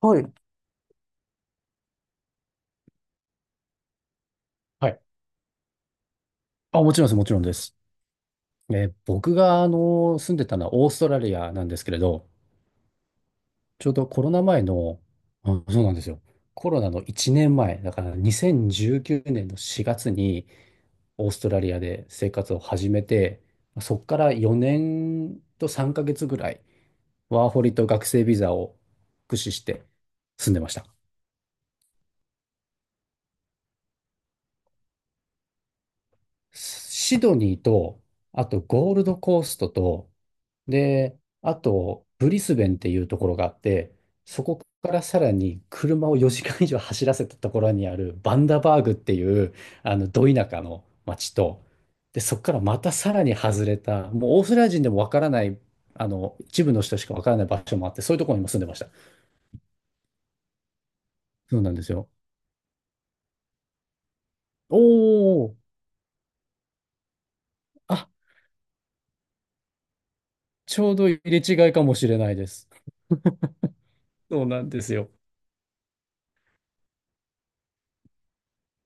はい。はい。あ、もちろんです、もちろんです。僕が、住んでたのはオーストラリアなんですけれど、ちょうどコロナ前の、うん、そうなんですよ。コロナの1年前、だから2019年の4月にオーストラリアで生活を始めて、そこから4年と3ヶ月ぐらい、ワーホリと学生ビザを駆使して住んでました。シドニーと、あとゴールドコーストと、で、あと、ブリスベンっていうところがあって、そこからさらに車を4時間以上走らせたところにあるバンダバーグっていう、ど田舎の町と、で、そこからまたさらに外れた、もうオーストラリア人でもわからない、一部の人しかわからない場所もあって、そういうところにも住んでました。そうなんですよ。おお、あ、ちょうど入れ違いかもしれないです。そうなんですよ。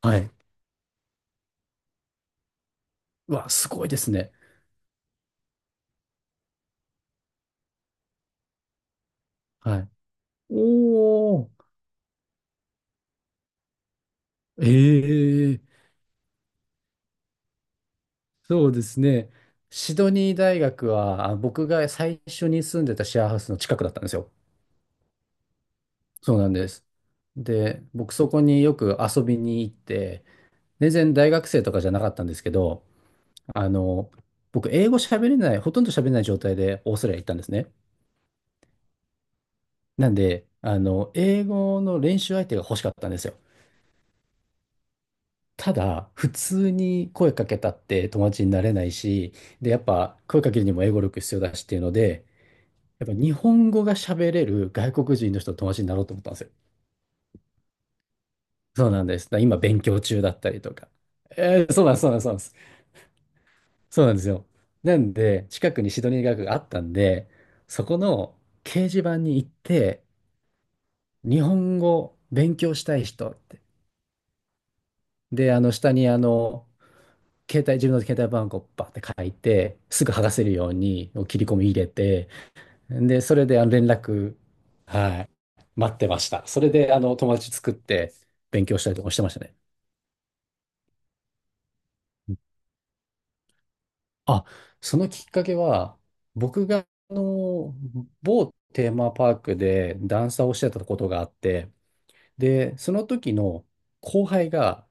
はい。うわ、すごいですね。はい。おー。ええ、そうですね。シドニー大学は、あ僕が最初に住んでたシェアハウスの近くだったんですよ。そうなんです。で、僕そこによく遊びに行って、全然大学生とかじゃなかったんですけど、あの、僕英語喋れない、ほとんど喋れない状態でオーストラリア行ったんですね。なんで、英語の練習相手が欲しかったんですよ。ただ、普通に声かけたって友達になれないし、で、やっぱ声かけるにも英語力必要だしっていうので、やっぱ日本語が喋れる外国人の人と友達になろうと思ったんですよ。そうなんです。だから今勉強中だったりとか。そうなんです、そうなんです、そうなんです。そうなんですよ。なんで、近くにシドニー大学があったんで、そこの掲示板に行って、日本語勉強したい人って。で、下に携帯、自分の携帯番号をバーって書いて、すぐ剥がせるように切り込み入れて、で、それで連絡、はい、待ってました。それで、友達作って勉強したりとかしてましたね。うん、あ、そのきっかけは、僕が、某テーマパークでダンサーをしてたことがあって、で、その時の後輩が、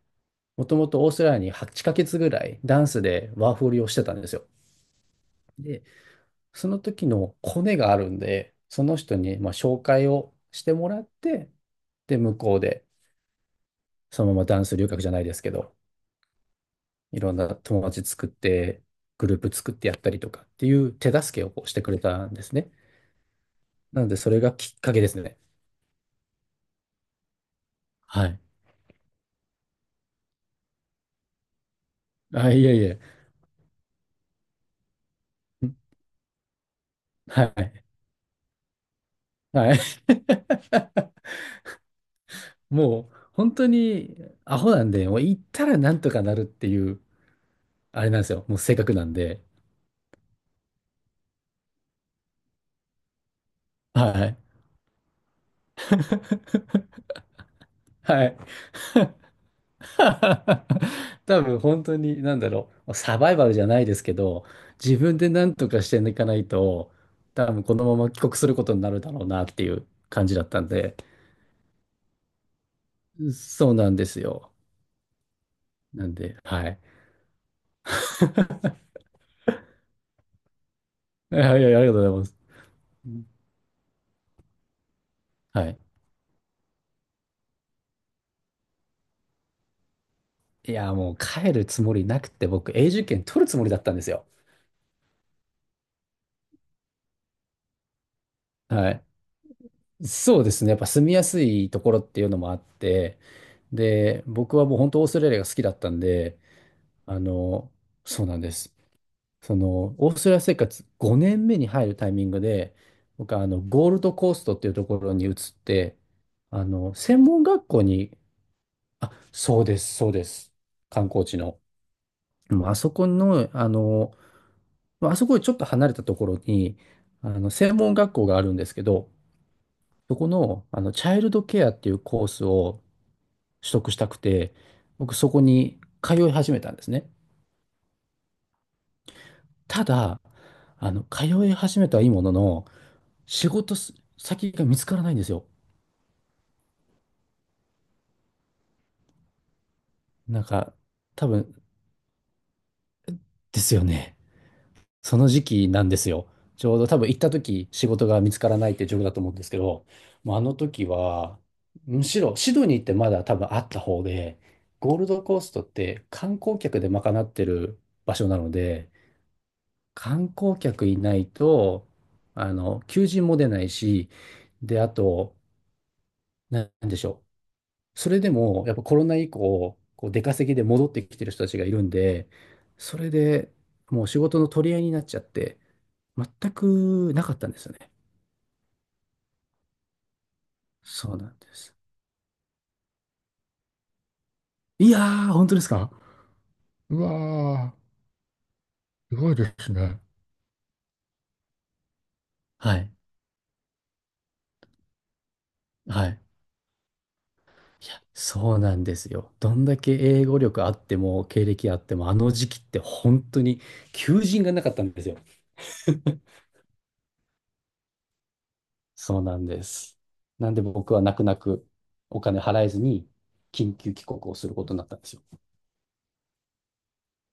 もともとオーストラリアに8ヶ月ぐらいダンスでワーホリをしてたんですよ。で、その時のコネがあるんで、その人にまあ紹介をしてもらって、で、向こうでそのままダンス留学じゃないですけど、いろんな友達作って、グループ作ってやったりとかっていう手助けをこうしてくれたんですね。なので、それがきっかけですね。はい。あ、いえいえ。はい。はい。もう、本当にアホなんで、もう行ったらなんとかなるっていう、あれなんですよ。もう性格なんで。はい。はい。多分本当に、なんだろう、サバイバルじゃないですけど、自分で何とかしていかないと、多分このまま帰国することになるだろうなっていう感じだったんで、そうなんですよ。なんで、はい。いやいや、ありがとうございます。うん、はい。いや、もう帰るつもりなくて、僕、永住権取るつもりだったんですよ。はい。そうですね。やっぱ住みやすいところっていうのもあって、で、僕はもう本当オーストラリアが好きだったんで、あの、そうなんです。その、オーストラリア生活5年目に入るタイミングで、僕はゴールドコーストっていうところに移って、専門学校に、あ、そうです、そうです。観光地の。もうあそこの、まああそこよりちょっと離れたところに、専門学校があるんですけど、そこの、チャイルドケアっていうコースを取得したくて、僕そこに通い始めたんですね。ただ、通い始めたはいいものの、仕事す先が見つからないんですよ。なんか、多分、ですよね。その時期なんですよ。ちょうど多分行った時、仕事が見つからないって状況だと思うんですけど、もうあの時は、むしろシドニーってまだ多分あった方で、ゴールドコーストって観光客で賄ってる場所なので、観光客いないと、求人も出ないし、で、あと、なんでしょう。それでも、やっぱコロナ以降、こう出稼ぎで戻ってきてる人たちがいるんで、それでもう仕事の取り合いになっちゃって、全くなかったんですよね。そうなんです。いやー、本当ですか？うわー、すごいですね。はい。はい。いや、そうなんですよ。どんだけ英語力あっても、経歴あっても、あの時期って本当に求人がなかったんですよ。そうなんです。なんで僕は泣く泣くお金払えずに緊急帰国をすることになったんですよ。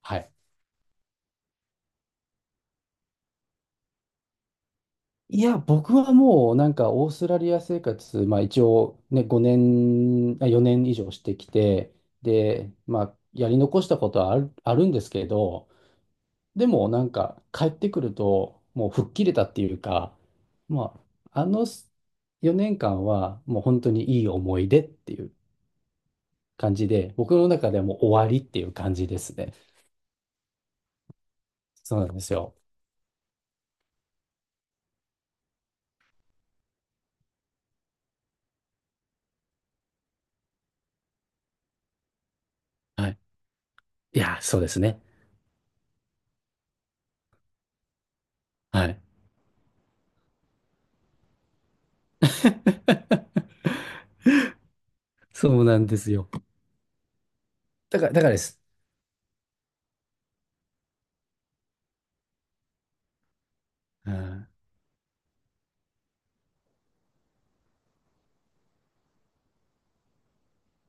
はい。いや、僕はもうなんかオーストラリア生活、まあ一応ね、5年、あ4年以上してきて、で、まあやり残したことはある、あるんですけど、でもなんか帰ってくるともう吹っ切れたっていうか、まああの4年間はもう本当にいい思い出っていう感じで、僕の中ではもう終わりっていう感じですね。そうなんですよ。はい。いや、そうですね。はい。そうなんですよ。だから、だからです。うん。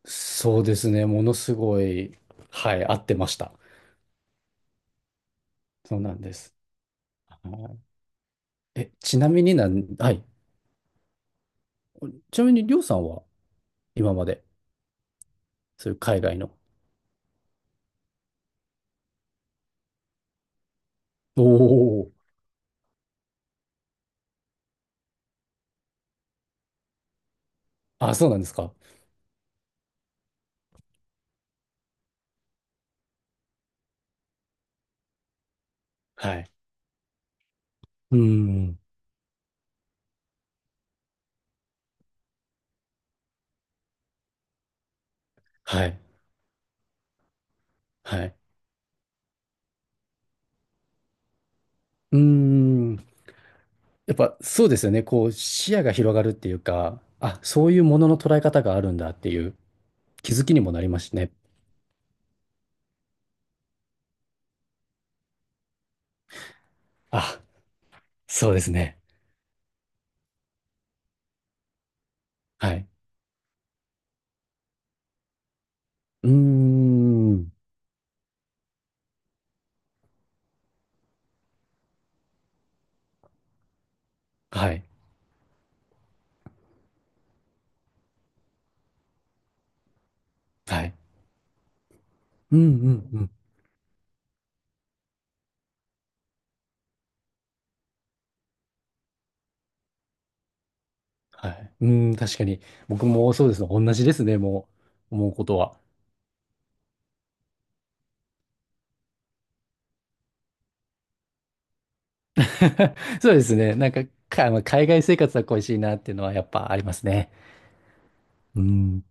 そうですね。ものすごい、はい、合ってました。そうなんです。あの、え、ちなみになん、はい。ちなみに、りょうさんは今まで、そういう海外の。おお、あ、そうなんですか。はい。うーん。はい。はい。うーん。やっぱそうですよね。こう、視野が広がるっていうか、あ、そういうものの捉え方があるんだっていう。気づきにもなりますしね。あ、そうですね。はい。うーん。はい。はい。うんうんうん。はい。うーん、確かに。僕もそうですね。同じですね。もう、思うことは。そうですね。なんか、か、まあ海外生活は恋しいなっていうのはやっぱありますね。うん。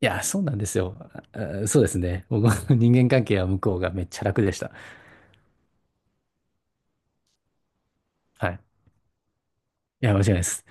いや、そうなんですよ。あそうですね。僕の人間関係は向こうがめっちゃ楽でした。はい。いや、間違いないです。